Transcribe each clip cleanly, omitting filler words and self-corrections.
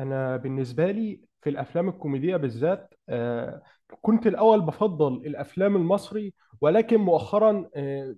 انا بالنسبه لي في الافلام الكوميديه بالذات كنت الاول بفضل الافلام المصري، ولكن مؤخرا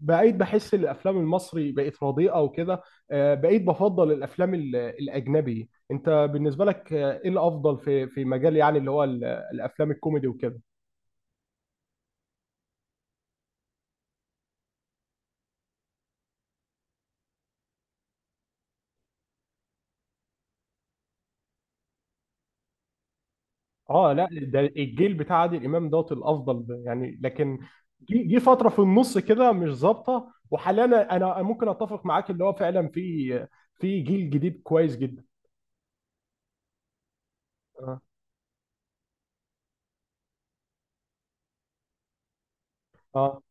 بقيت بحس ان الافلام المصري بقت رديئه وكده. بقيت بفضل الافلام الاجنبي. انت بالنسبه لك ايه الافضل في مجال يعني اللي هو الافلام الكوميدي وكده؟ اه، لا، ده الجيل بتاع عادل امام دوت الافضل، ده يعني لكن جه فتره في النص كده مش ظابطه، وحاليا انا ممكن اتفق معاك اللي هو فعلا في جيل جديد كويس جدا. اه اه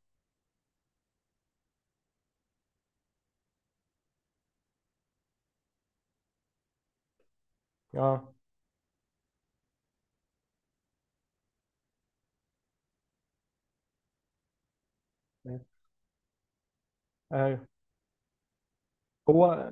اه ايوه، هو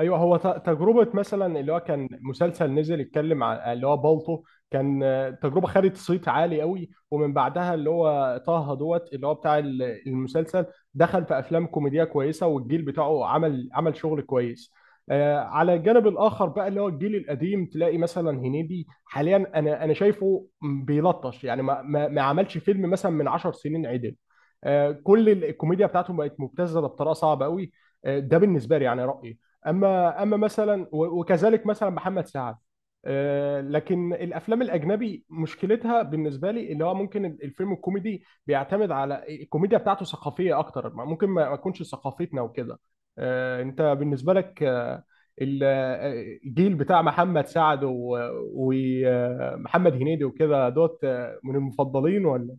تجربه مثلا اللي هو كان مسلسل نزل يتكلم عن اللي هو بالطو، كان تجربه خدت صيت عالي قوي، ومن بعدها اللي هو طه دوت اللي هو بتاع المسلسل، دخل في افلام كوميديه كويسه، والجيل بتاعه عمل شغل كويس. على الجانب الاخر بقى اللي هو الجيل القديم، تلاقي مثلا هنيدي حاليا، انا شايفه بيلطش يعني، ما عملش فيلم مثلا من 10 سنين عدل. كل الكوميديا بتاعته بقت مبتذله بطريقه صعبه قوي. ده بالنسبه لي يعني رايي. اما مثلا وكذلك مثلا محمد سعد. لكن الافلام الاجنبي مشكلتها بالنسبه لي اللي هو ممكن الفيلم الكوميدي بيعتمد على الكوميديا بتاعته ثقافيه اكتر، ممكن ما تكونش ثقافتنا وكده. انت بالنسبه لك الجيل بتاع محمد سعد ومحمد هنيدي وكده دوت، من المفضلين ولا؟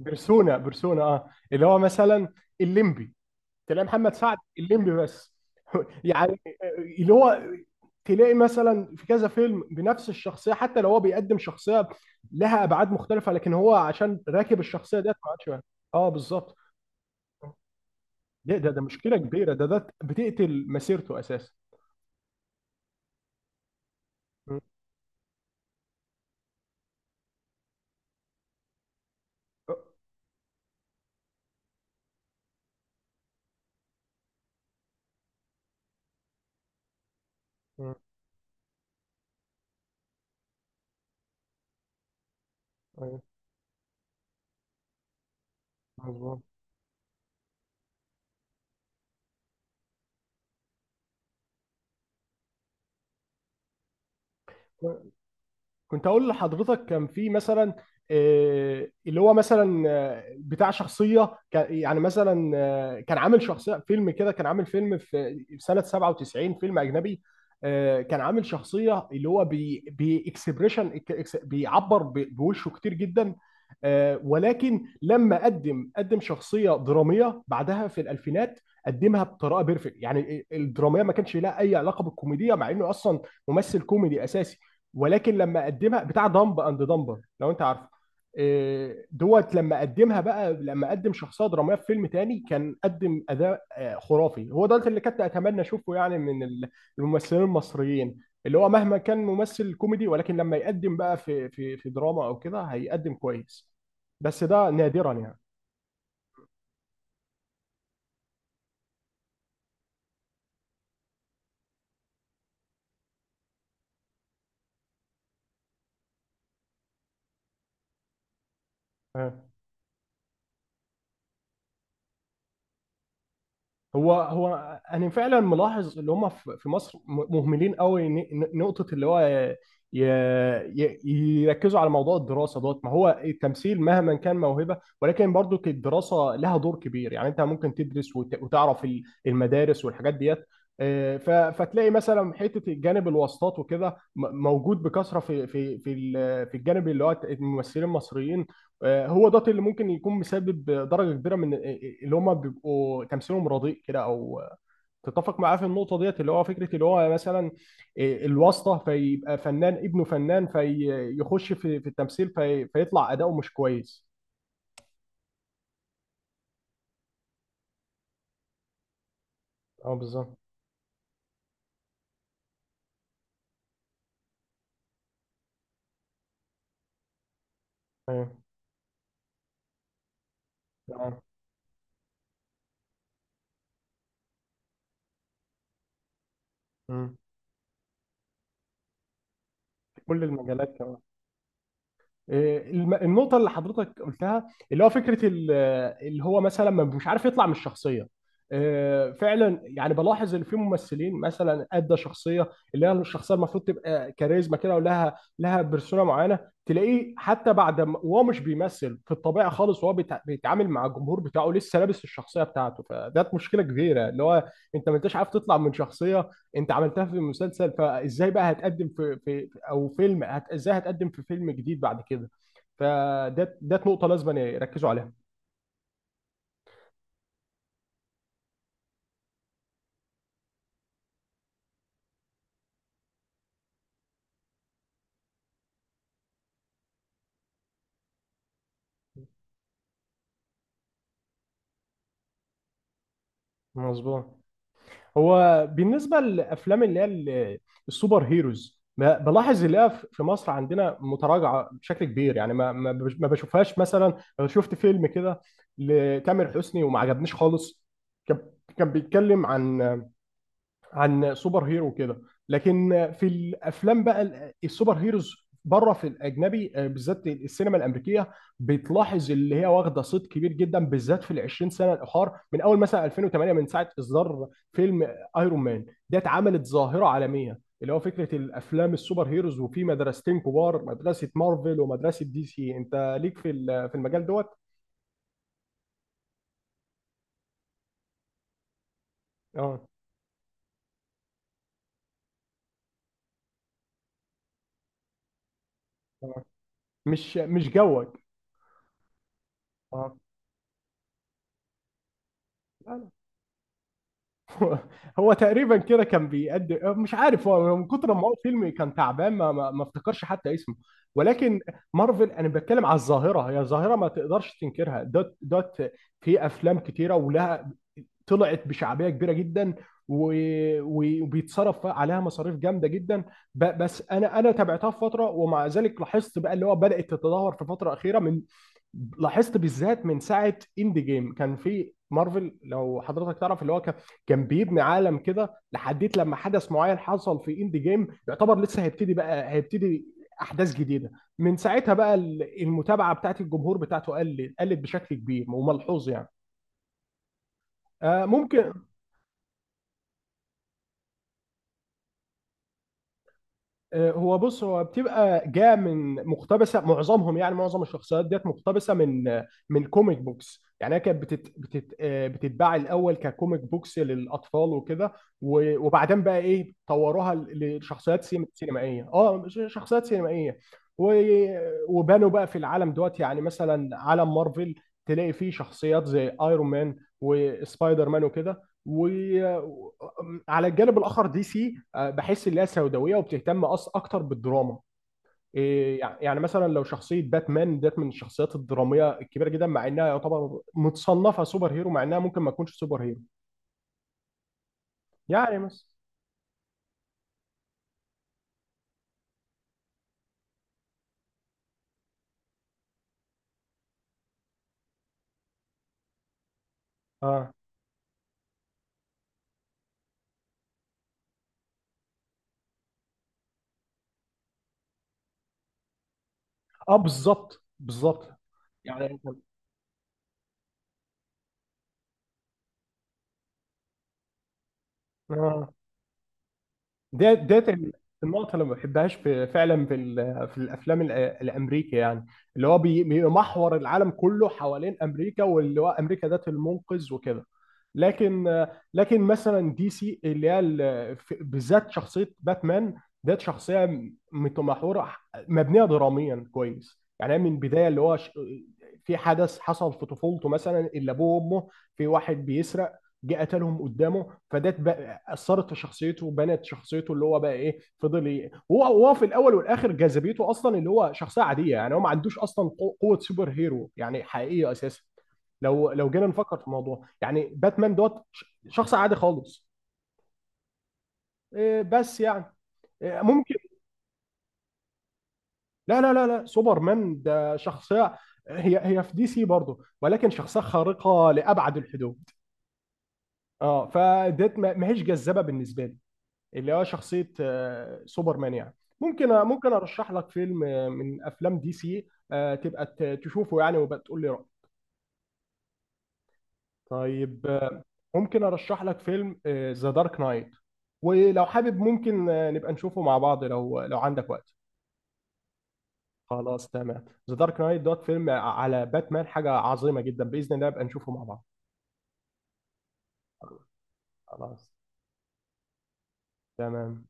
بيرسونا بيرسونا، اه، اللي هو مثلا الليمبي. تلاقي محمد سعد الليمبي بس يعني، اللي هو تلاقي مثلا في كذا فيلم بنفس الشخصيه، حتى لو هو بيقدم شخصيه لها ابعاد مختلفه، لكن هو عشان راكب الشخصيه ديت ما عادش بقى. اه، بالظبط. ده مشكله كبيره، ده بتقتل مسيرته اساسا. م- م- ايوه، مظبوط. كنت اقول لحضرتك كان في مثلا اللي هو مثلا بتاع شخصيه كان يعني مثلا كان عامل شخصيه فيلم كده، كان عامل فيلم في سنه 97، فيلم اجنبي. كان عامل شخصيه اللي هو بي باكسبريشن، بيعبر بوشه كتير جدا. ولكن لما قدم شخصيه دراميه بعدها في الالفينات، قدمها بطريقه بيرفكت يعني. الدراميه ما كانش لها اي علاقه بالكوميديا، مع انه اصلا ممثل كوميدي اساسي. ولكن لما اقدمها بتاع دمب اند دمبر لو انت عارفه، إيه، دوت. لما قدمها بقى، لما قدم شخصيه دراميه في فيلم تاني، كان قدم اداء خرافي. هو ده اللي كنت اتمنى اشوفه يعني من الممثلين المصريين، اللي هو مهما كان ممثل كوميدي، ولكن لما يقدم بقى في في دراما او كده هيقدم كويس. بس ده نادرا يعني. آه. هو انا فعلا ملاحظ اللي هم في مصر مهملين قوي نقطه اللي هو ي- يركزوا على موضوع الدراسه دوت. ما هو التمثيل مهما كان موهبه، ولكن برضو الدراسه لها دور كبير يعني. انت ممكن تدرس وتعرف المدارس والحاجات ديت. فتلاقي مثلا حته جانب الواسطات وكده موجود بكثره في في في الجانب اللي هو الممثلين المصريين. هو ده اللي ممكن يكون مسبب درجه كبيره من اللي هم بيبقوا تمثيلهم رديء كده. او تتفق معاه في النقطه ديت اللي هو فكره اللي هو مثلا الواسطه، فيبقى فنان ابنه فنان فيخش في التمثيل، في فيطلع اداؤه مش كويس. اه، بالظبط. ايوه، تمام. مم. في كل المجالات كمان. النقطة اللي حضرتك قلتها اللي هو فكرة اللي هو مثلا مش عارف يطلع من الشخصية. فعلا يعني بلاحظ ان في ممثلين مثلا ادى شخصية اللي هي الشخصية المفروض تبقى كاريزما كده، لها بيرسونا معينة، تلاقيه حتى بعد ما وهو مش بيمثل في الطبيعة خالص وهو بيتعامل مع الجمهور بتاعه لسه لابس الشخصية بتاعته. فده مشكلة كبيرة اللي هو انت ما انتش عارف تطلع من شخصية انت عملتها في مسلسل. فازاي بقى هتقدم في او فيلم ازاي هتقدم في فيلم جديد بعد كده؟ ده نقطة لازم يركزوا عليها. مظبوط. هو بالنسبة للأفلام اللي هي السوبر هيروز بلاحظ اللي هي في مصر عندنا متراجعة بشكل كبير يعني. ما ما ما بشوفهاش. مثلا أنا شفت فيلم كده لتامر حسني وما عجبنيش خالص. كان كان بيتكلم عن سوبر هيرو كده. لكن في الافلام بقى السوبر هيروز بره في الاجنبي، بالذات السينما الامريكيه، بتلاحظ اللي هي واخده صيت كبير جدا، بالذات في ال 20 سنه الاخر، من اول مثلا 2008، من ساعه اصدار فيلم ايرون مان. ده اتعملت ظاهره عالميه اللي هو فكره الافلام السوبر هيروز، وفي مدرستين كبار، مدرسه مارفل ومدرسه دي سي. انت ليك في في المجال دوت؟ اه. آه. مش جوك. اه. هو هو تقريبا كده كان بيقدم. مش عارف هو من كتر ما هو فيلم كان تعبان ما افتكرش حتى اسمه. ولكن مارفل، انا بتكلم على الظاهره. هي ظاهره ما تقدرش تنكرها دوت دوت. في افلام كتيره، ولها طلعت بشعبيه كبيره جدا، وبيتصرف عليها مصاريف جامده جدا. بس انا تابعتها في فتره، ومع ذلك لاحظت بقى اللي هو بدات تتدهور في فتره اخيره من. لاحظت بالذات من ساعه اند جيم كان في مارفل، لو حضرتك تعرف اللي هو، كان بيبني عالم كده لحديت لما حدث معين حصل في اند جيم، يعتبر لسه هيبتدي بقى، هيبتدي احداث جديده. من ساعتها بقى المتابعه بتاعت الجمهور بتاعته قلت بشكل كبير وملحوظ يعني. ممكن هو بص، هو بتبقى جاء من مقتبسه معظمهم يعني. معظم الشخصيات ديت مقتبسه من كوميك بوكس. يعني هي كانت بتت بتت بتتباع الاول ككوميك بوكس للاطفال وكده، وبعدين بقى ايه طوروها لشخصيات سينمائيه. اه، شخصيات سينمائيه و- وبانوا بقى في العالم دوت. يعني مثلا عالم مارفل تلاقي فيه شخصيات زي ايرون مان وسبايدر مان وكده. وعلى الجانب الاخر دي سي، بحس ان هي سوداويه وبتهتم أص اكتر بالدراما. إيه، يعني مثلا لو شخصيه باتمان ديت من الشخصيات الدراميه الكبيره جدا، مع انها يعتبر متصنفه سوبر هيرو، مع انها ممكن ما تكونش سوبر هيرو. يعني مثلا، اه، اه، بالظبط، بالظبط. يعني انت، اه، ديت النقطة اللي ما بحبهاش في فعلا في في الأفلام الأمريكي، يعني اللي هو بيمحور العالم كله حوالين أمريكا، واللي هو أمريكا ذات المنقذ وكده. لكن مثلا دي سي اللي هي بالذات شخصية باتمان، ديت شخصية متمحورة مبنية دراميا كويس. يعني هي من البداية اللي هو في حدث حصل في طفولته مثلا، اللي أبوه وأمه في واحد بيسرق جه قتلهم قدامه، فده اثرت في شخصيته وبنت شخصيته اللي هو بقى. ايه فضل ايه؟ هو في الاول والاخر جاذبيته اصلا اللي هو شخصيه عاديه يعني، هو ما عندوش اصلا قوه سوبر هيرو يعني حقيقيه اساسا. لو جينا نفكر في الموضوع يعني، باتمان دوت شخص عادي خالص. إيه، بس يعني. إيه، ممكن. لا، لا، لا، لا، سوبرمان ده شخصيه هي هي في دي سي برضه، ولكن شخصيه خارقه لابعد الحدود. اه، فديت ما هيش جذابه بالنسبه لي، اللي هو شخصية سوبرمان يعني. ممكن ارشح لك فيلم من افلام دي سي، تبقى تشوفه يعني وبقى تقول لي رأيك. طيب، ممكن ارشح لك فيلم، ذا دارك نايت. ولو حابب ممكن نبقى نشوفه مع بعض، لو عندك وقت. خلاص، تمام. ذا دارك نايت دوت فيلم على باتمان، حاجة عظيمة جدا. بإذن الله نبقى نشوفه مع بعض. خلاص، تمام.